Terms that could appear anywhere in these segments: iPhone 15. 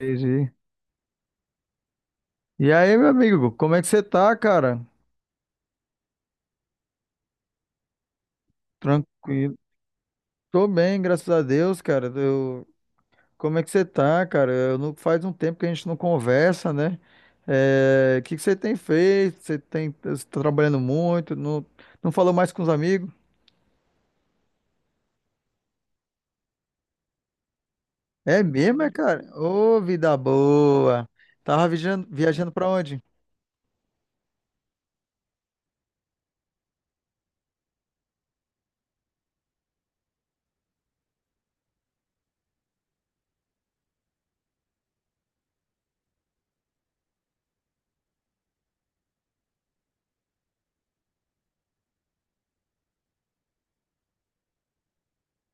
Entendi. E aí, meu amigo, como é que você tá, cara? Tranquilo. Tô bem, graças a Deus, cara. Como é que você tá, cara? Eu não... Faz um tempo que a gente não conversa, né? O que que você tem feito? Você tá trabalhando muito? Não... não falou mais com os amigos? É mesmo, é, cara? Ô, vida boa! Tava viajando, viajando pra onde?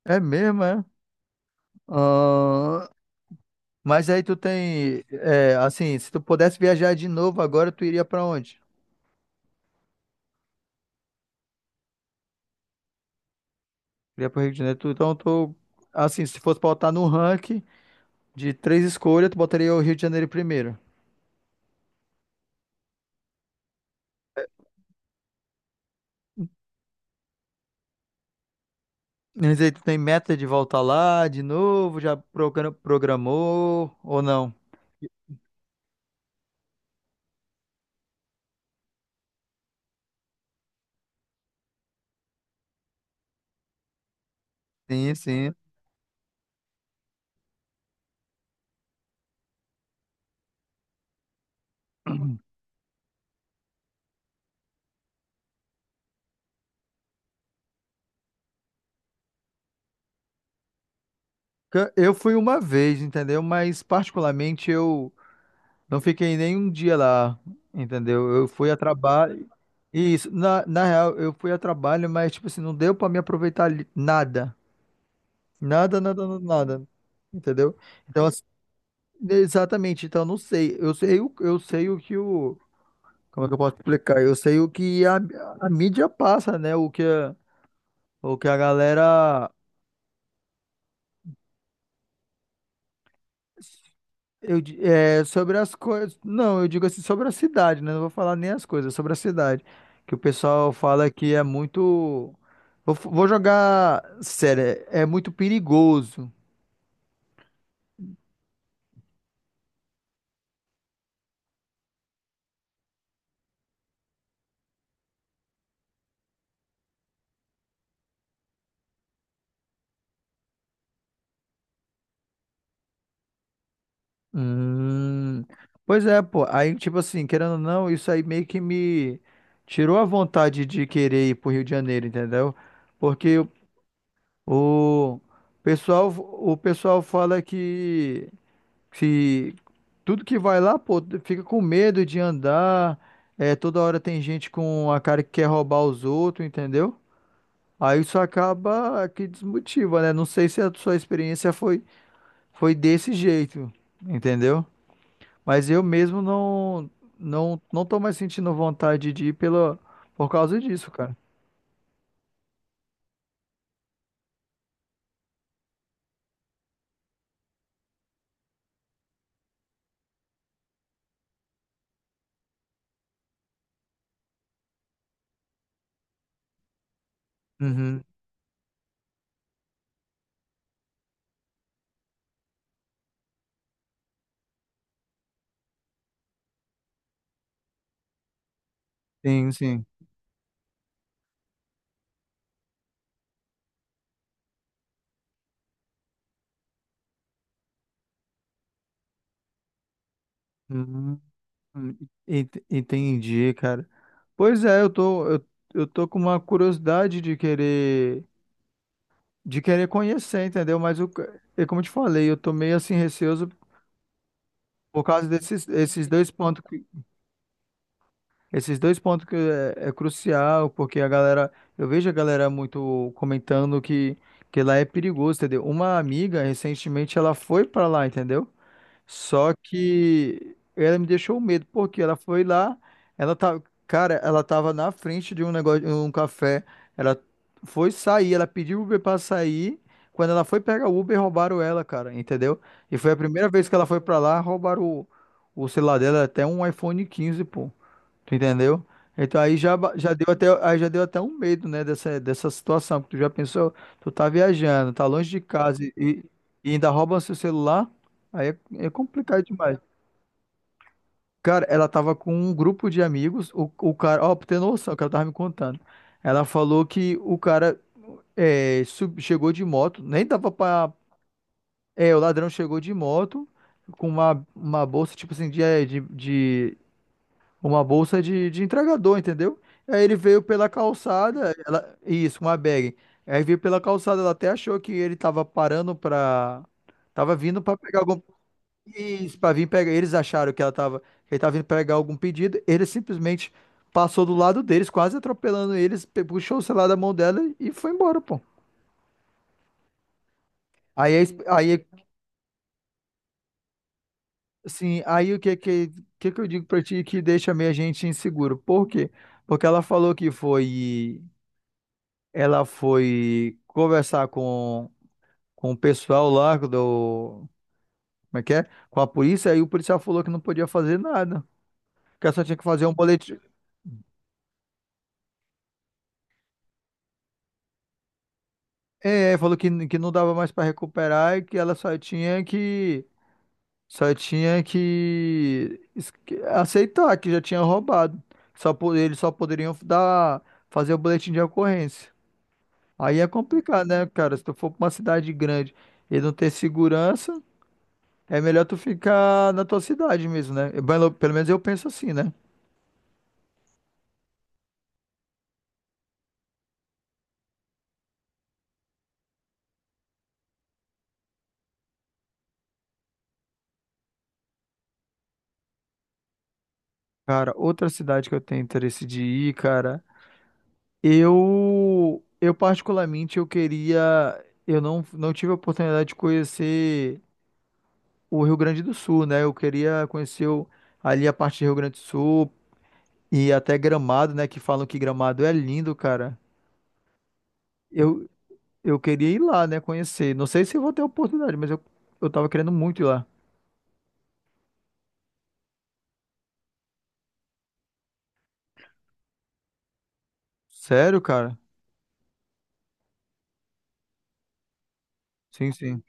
É mesmo, é? Ah, Mas aí é, assim, se tu pudesse viajar de novo agora, tu iria pra onde? Iria pro Rio de Janeiro. Então, tu, assim, se fosse botar no ranking de três escolhas, tu botaria o Rio de Janeiro primeiro. Mas aí tu tem meta de voltar lá de novo? Programou ou não? Sim, sim. Eu fui uma vez, entendeu? Mas particularmente eu não fiquei nem um dia lá, entendeu? Eu fui a trabalho. Isso, na real, eu fui a trabalho, mas tipo assim, não deu pra me aproveitar nada. Nada, nada, nada, nada. Entendeu? Então, assim, exatamente, então eu não sei. Eu sei o que o. Como é que eu posso explicar? Eu sei o que a mídia passa, né? O que a galera. É, sobre as coisas. Não, eu digo assim, sobre a cidade, né? Não vou falar nem as coisas, sobre a cidade. Que o pessoal fala que é muito. Vou jogar. Sério, é muito perigoso. Hum, pois é, pô. Aí, tipo assim, querendo ou não, isso aí meio que me tirou a vontade de querer ir pro Rio de Janeiro, entendeu? Porque o o pessoal fala que tudo que vai lá, pô, fica com medo de andar. É, toda hora tem gente com a cara que quer roubar os outros, entendeu? Aí isso acaba que desmotiva, né? Não sei se a sua experiência foi desse jeito, entendeu? Mas eu mesmo não tô mais sentindo vontade de ir pela por causa disso, cara. Uhum. Sim, sim. Hum, entendi, cara. Pois é, eu tô com uma curiosidade de querer conhecer, entendeu? Mas eu, é como eu te falei, eu tô meio assim receoso por causa desses esses dois pontos. Esses dois pontos que é, é crucial, porque a galera, eu vejo a galera muito comentando que lá é perigoso, entendeu? Uma amiga, recentemente, ela foi pra lá, entendeu? Só que ela me deixou medo, porque ela foi lá, ela tá, cara, ela tava na frente de um negócio, um café, ela foi sair, ela pediu o Uber pra sair, quando ela foi pegar o Uber, roubaram ela, cara, entendeu? E foi a primeira vez que ela foi pra lá, roubaram o celular dela, até um iPhone 15, pô. Tu entendeu? Então aí já deu até, aí já deu até um medo, né, dessa situação, porque tu já pensou, tu tá viajando, tá longe de casa e ainda roubam seu celular, aí é complicado demais. Cara, ela tava com um grupo de amigos, o cara, ó, pra ter noção, que ela tava me contando. Ela falou que o cara chegou de moto, nem dava pra. É, o ladrão chegou de moto com uma bolsa, tipo assim, uma bolsa de entregador, entendeu? Aí ele veio pela calçada, isso, uma bag. Aí veio pela calçada, ela até achou que ele tava parando pra. Tava vindo pra pegar algum. Isso, pra vir pegar. Eles acharam que ela tava. Que ele tava vindo pegar algum pedido. Ele simplesmente passou do lado deles, quase atropelando eles, puxou o celular da mão dela e foi embora, pô. Aí, a ex- aí, assim, aí que eu digo pra ti que deixa meio a gente inseguro? Por quê? Porque ela falou que foi. Ela foi conversar com o pessoal lá do. Como é que é? Com a polícia, aí o policial falou que não podia fazer nada. Que ela só tinha que fazer um boletim. Falou que não dava mais para recuperar e que ela só tinha que. Só tinha que que aceitar que já tinha roubado. Eles só poderiam dar, fazer o boletim de ocorrência. Aí é complicado, né, cara? Se tu for pra uma cidade grande e não ter segurança. É melhor tu ficar na tua cidade mesmo, né? Pelo menos eu penso assim, né? Cara, outra cidade que eu tenho interesse de ir, cara, eu particularmente eu queria, eu não tive a oportunidade de conhecer o Rio Grande do Sul, né? Eu queria conhecer ali a parte do Rio Grande do Sul e até Gramado, né, que falam que Gramado é lindo, cara. Eu eu queria ir lá, né, conhecer. Não sei se eu vou ter a oportunidade, mas eu tava querendo muito ir lá. Sério, cara? Sim, sim.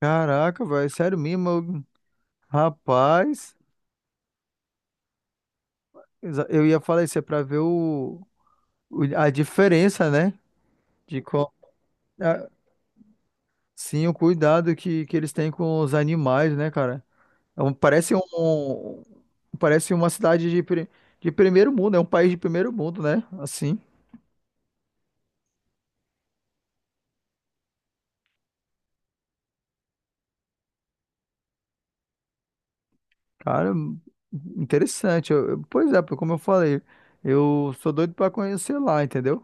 Caraca, velho, é sério mesmo? Rapaz, eu ia falar isso, é pra ver a diferença, né? De co- a- sim, o cuidado que eles têm com os animais, né, cara? Parece parece uma cidade de primeiro mundo, é um país de primeiro mundo, né? Assim, cara, interessante. Pois é, como eu falei, eu sou doido pra conhecer lá, entendeu?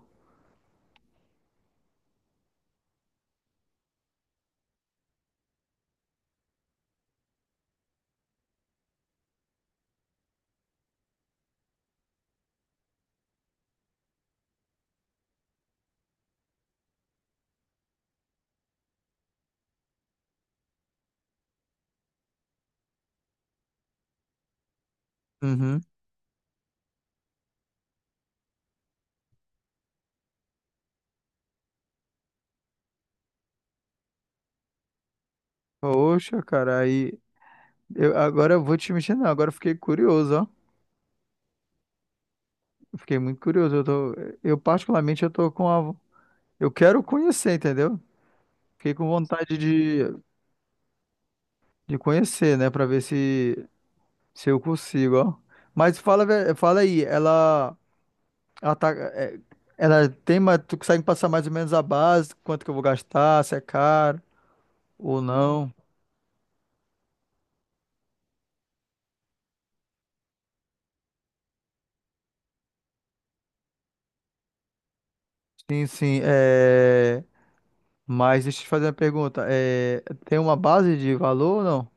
Uhum. Poxa, cara, agora eu vou te mentir, não, agora eu fiquei curioso, ó. Eu fiquei muito curioso. Eu particularmente eu tô com eu quero conhecer, entendeu? Fiquei com vontade de conhecer, né, pra ver se eu consigo, ó. Mas fala aí, ela tá é, ela tem, mas tu consegue passar mais ou menos a base, quanto que eu vou gastar, se é caro ou não? Sim, sim, é, mas deixa eu te fazer uma pergunta. É, tem uma base de valor ou não?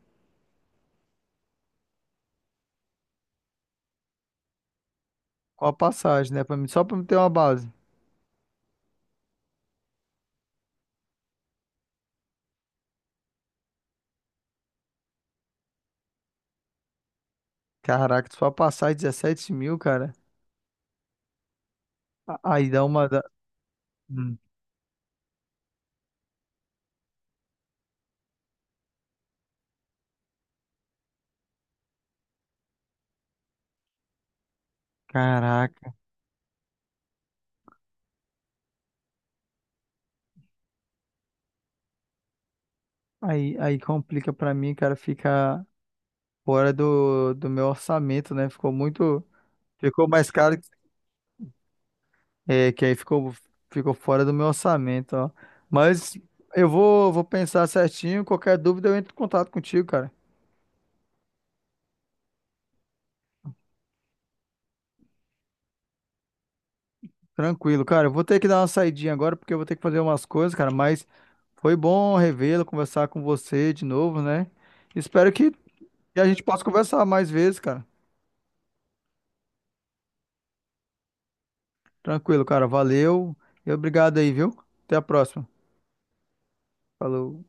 Qual a passagem, né, pra mim, só pra me ter uma base. Caraca, só a passagem 17 mil, cara. A- Aí dá uma. Da- Hum, Caraca. Aí complica pra mim, cara, fica fora do meu orçamento, né? Ficou muito. Ficou mais caro que- é, que aí ficou, ficou fora do meu orçamento, ó. Mas eu vou pensar certinho. Qualquer dúvida eu entro em contato contigo, cara. Tranquilo, cara. Eu vou ter que dar uma saidinha agora porque eu vou ter que fazer umas coisas, cara. Mas foi bom revê-lo, conversar com você de novo, né? Espero que a gente possa conversar mais vezes, cara. Tranquilo, cara. Valeu e obrigado aí, viu? Até a próxima. Falou.